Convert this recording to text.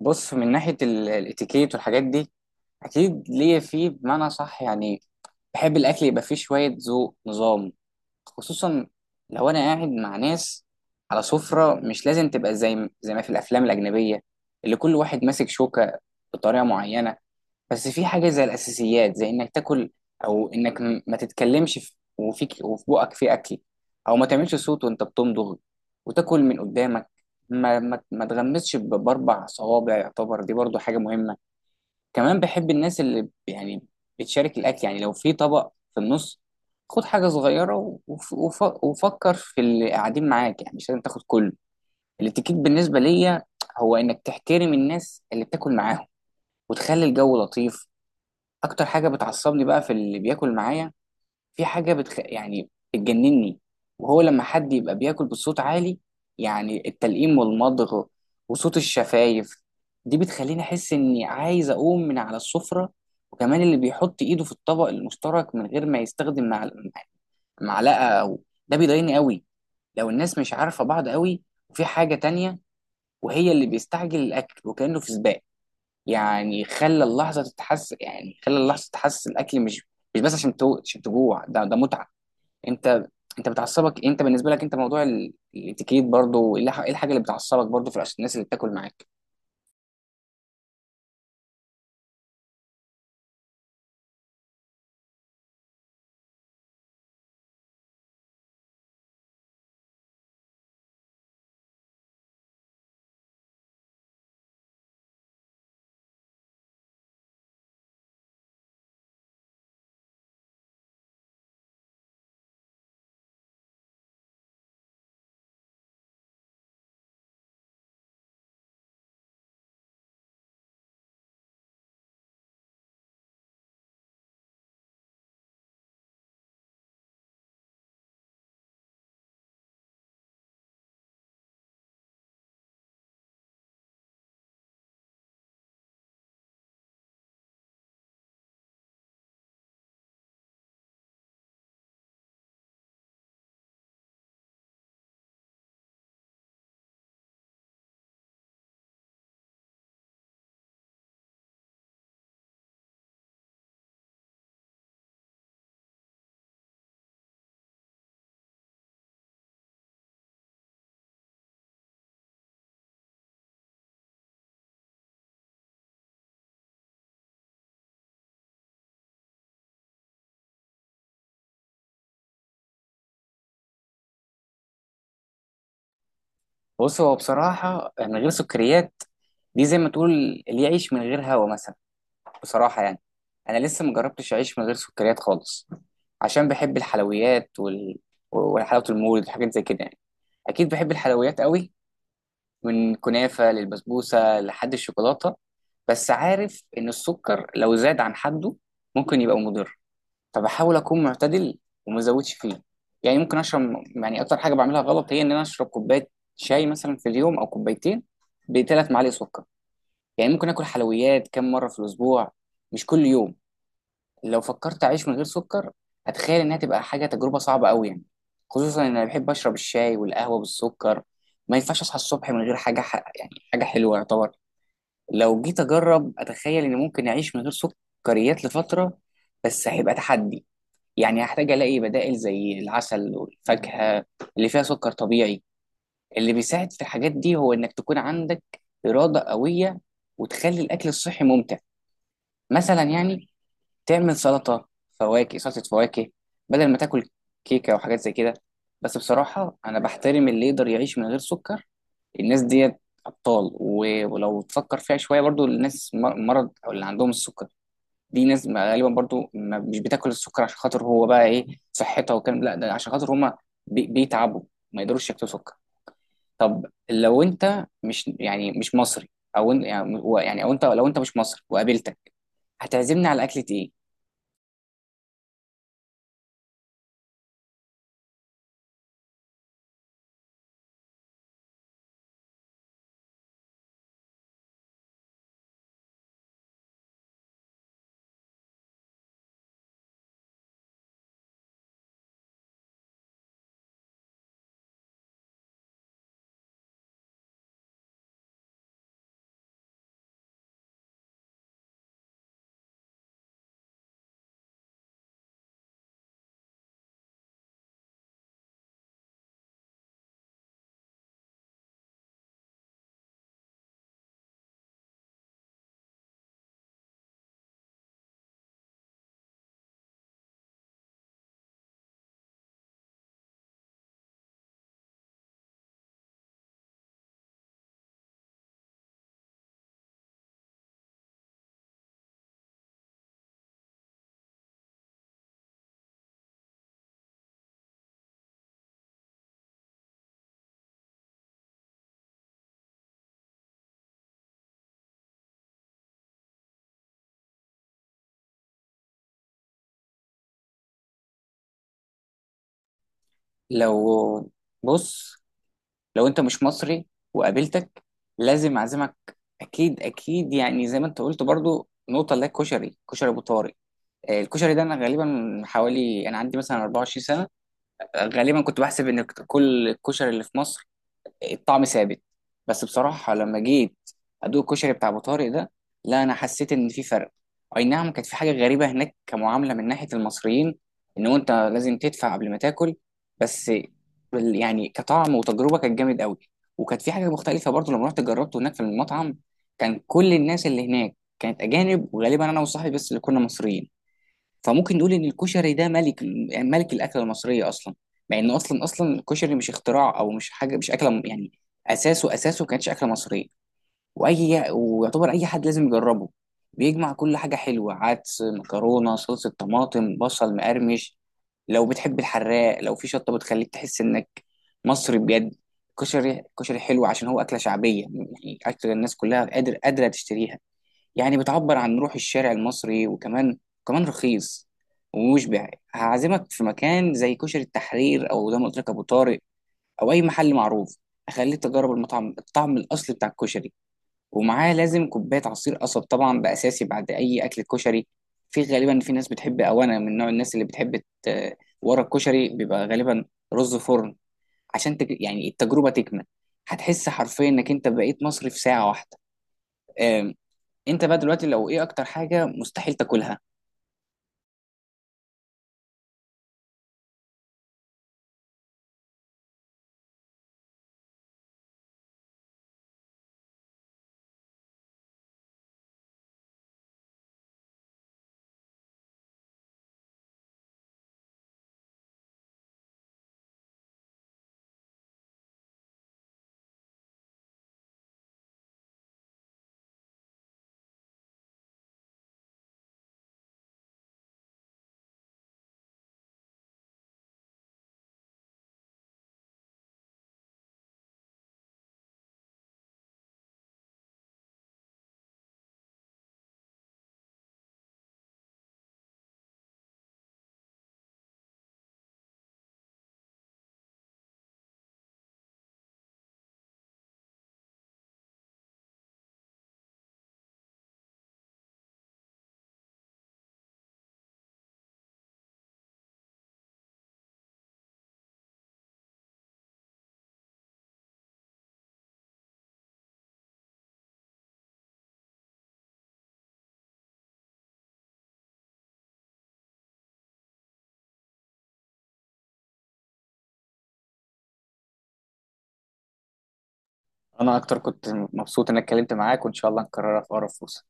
بص من ناحية الاتيكيت والحاجات دي. أكيد ليا فيه بمعنى صح، يعني بحب الأكل يبقى فيه شوية ذوق نظام، خصوصا لو أنا قاعد مع ناس على سفرة. مش لازم تبقى زي ما في الأفلام الأجنبية اللي كل واحد ماسك شوكة بطريقة معينة. بس في حاجة زي الأساسيات، زي إنك تاكل، أو إنك ما تتكلمش وفيك وفي بقك في أكل، أو ما تعملش صوت وأنت بتمضغ، وتاكل من قدامك، ما تغمسش بأربع صوابع. يعتبر دي برضو حاجة مهمة. كمان بحب الناس اللي يعني بتشارك الأكل. يعني لو في طبق في النص، خد حاجة صغيرة وفكر في اللي قاعدين معاك. يعني مش لازم تاخد كله. الاتيكيت بالنسبة ليا هو إنك تحترم الناس اللي بتاكل معاهم، وتخلي الجو لطيف. اكتر حاجه بتعصبني بقى في اللي بياكل معايا. في حاجه يعني بتجنني، وهو لما حد يبقى بياكل بصوت عالي، يعني التلقيم والمضغ وصوت الشفايف. دي بتخليني احس اني عايز اقوم من على السفره. وكمان اللي بيحط ايده في الطبق المشترك من غير ما يستخدم معلقه او، ده بيضايقني قوي لو الناس مش عارفه بعض قوي. وفي حاجه تانية، وهي اللي بيستعجل الاكل وكانه في سباق. يعني خلى اللحظه تتحس الاكل، مش بس عشان عشان تجوع، ده متعه. انت انت بتعصبك انت، بالنسبه لك انت، موضوع الاتيكيت برضو، إيه الحاجه اللي بتعصبك برضو في الناس اللي بتاكل معاك؟ بص، هو بصراحه من غير سكريات دي زي ما تقول اللي يعيش من غير هوا مثلا. بصراحه يعني انا لسه مجربتش اعيش من غير سكريات خالص، عشان بحب الحلويات وحلاوه المولد وحاجات زي كده. يعني اكيد بحب الحلويات قوي، من كنافة للبسبوسة لحد الشوكولاتة. بس عارف إن السكر لو زاد عن حده ممكن يبقى مضر، فبحاول أكون معتدل وما أزودش فيه. يعني ممكن أشرب يعني أكتر حاجة بعملها غلط هي إن أنا أشرب كوباية شاي مثلا في اليوم أو كوبايتين ب3 معالق سكر. يعني ممكن آكل حلويات كم مرة في الأسبوع، مش كل يوم. لو فكرت اعيش من غير سكر، هتخيل انها تبقى حاجه تجربه صعبه قوي، يعني خصوصا ان انا بحب اشرب الشاي والقهوه بالسكر. ما ينفعش اصحى الصبح من غير يعني حاجه حلوه يعتبر. لو جيت اجرب، اتخيل اني ممكن اعيش من غير سكريات لفتره، بس هيبقى تحدي. يعني هحتاج الاقي بدائل زي العسل والفاكهه اللي فيها سكر طبيعي. اللي بيساعد في الحاجات دي هو انك تكون عندك اراده قويه، وتخلي الاكل الصحي ممتع. مثلا يعني تعمل سلطة فواكه بدل ما تاكل كيكة وحاجات زي كده. بس بصراحة أنا بحترم اللي يقدر يعيش من غير سكر، الناس ديت أبطال. و- ولو تفكر فيها شوية برضو، الناس مرض أو اللي عندهم السكر، دي ناس غالبا برضو ما مش بتاكل السكر عشان خاطر هو بقى إيه، صحتها وكلام. لا، ده عشان خاطر هما بيتعبوا، ما يقدروش ياكلوا سكر. طب لو أنت مش مش مصري، أو إن- يعني يعني أو أنت لو أنت مش مصري وقابلتك، هتعزمني على أكلة إيه؟ لو، بص، انت مش مصري وقابلتك لازم اعزمك. اكيد اكيد، يعني زي ما انت قلت برضو، نقطه اللي هي الكشري، كشري ابو طارق. الكشري ده انا غالبا من حوالي انا عندي مثلا 24 سنه. غالبا كنت بحسب ان كل الكشري اللي في مصر الطعم ثابت. بس بصراحه لما جيت ادوق الكشري بتاع ابو طارق ده، لا، انا حسيت ان في فرق. اي نعم، كانت في حاجه غريبه هناك كمعامله من ناحيه المصريين، ان انت لازم تدفع قبل ما تاكل. بس يعني كطعم وتجربه كانت جامد قوي. وكانت في حاجه مختلفه برضو لما رحت جربته هناك في المطعم. كان كل الناس اللي هناك كانت اجانب، وغالبا انا وصاحبي بس اللي كنا مصريين. فممكن نقول ان الكشري ده ملك، يعني ملك الاكله المصريه اصلا. مع ان اصلا اصلا الكشري مش اختراع، او مش حاجه، مش اكله يعني اساسه اساسه ما كانتش اكله مصريه. ويعتبر اي حد لازم يجربه. بيجمع كل حاجه حلوه، عدس، مكرونه، صلصه طماطم، بصل مقرمش. لو بتحب الحراق، لو في شطه، بتخليك تحس انك مصري بجد. كشري كشري حلو عشان هو اكله شعبيه، يعني اكله الناس كلها قادره تشتريها. يعني بتعبر عن روح الشارع المصري، وكمان رخيص ومشبع. هعزمك في مكان زي كشري التحرير، او زي ما قلت لك ابو طارق، او اي محل معروف. اخليك تجرب الطعم الاصلي بتاع الكشري. ومعاه لازم كوبايه عصير قصب، طبعا ده اساسي بعد اي اكل كشري. غالبا في ناس بتحب، او انا من نوع الناس اللي بتحب، ورا الكشري بيبقى غالبا رز فرن. عشان يعني التجربه تكمل. هتحس حرفيا انك انت بقيت مصري في ساعه واحده. انت بقى دلوقتي لو ايه اكتر حاجه مستحيل تاكلها؟ انا اكتر كنت مبسوط اني اتكلمت معاك، وان شاء الله نكررها في اقرب فرصه.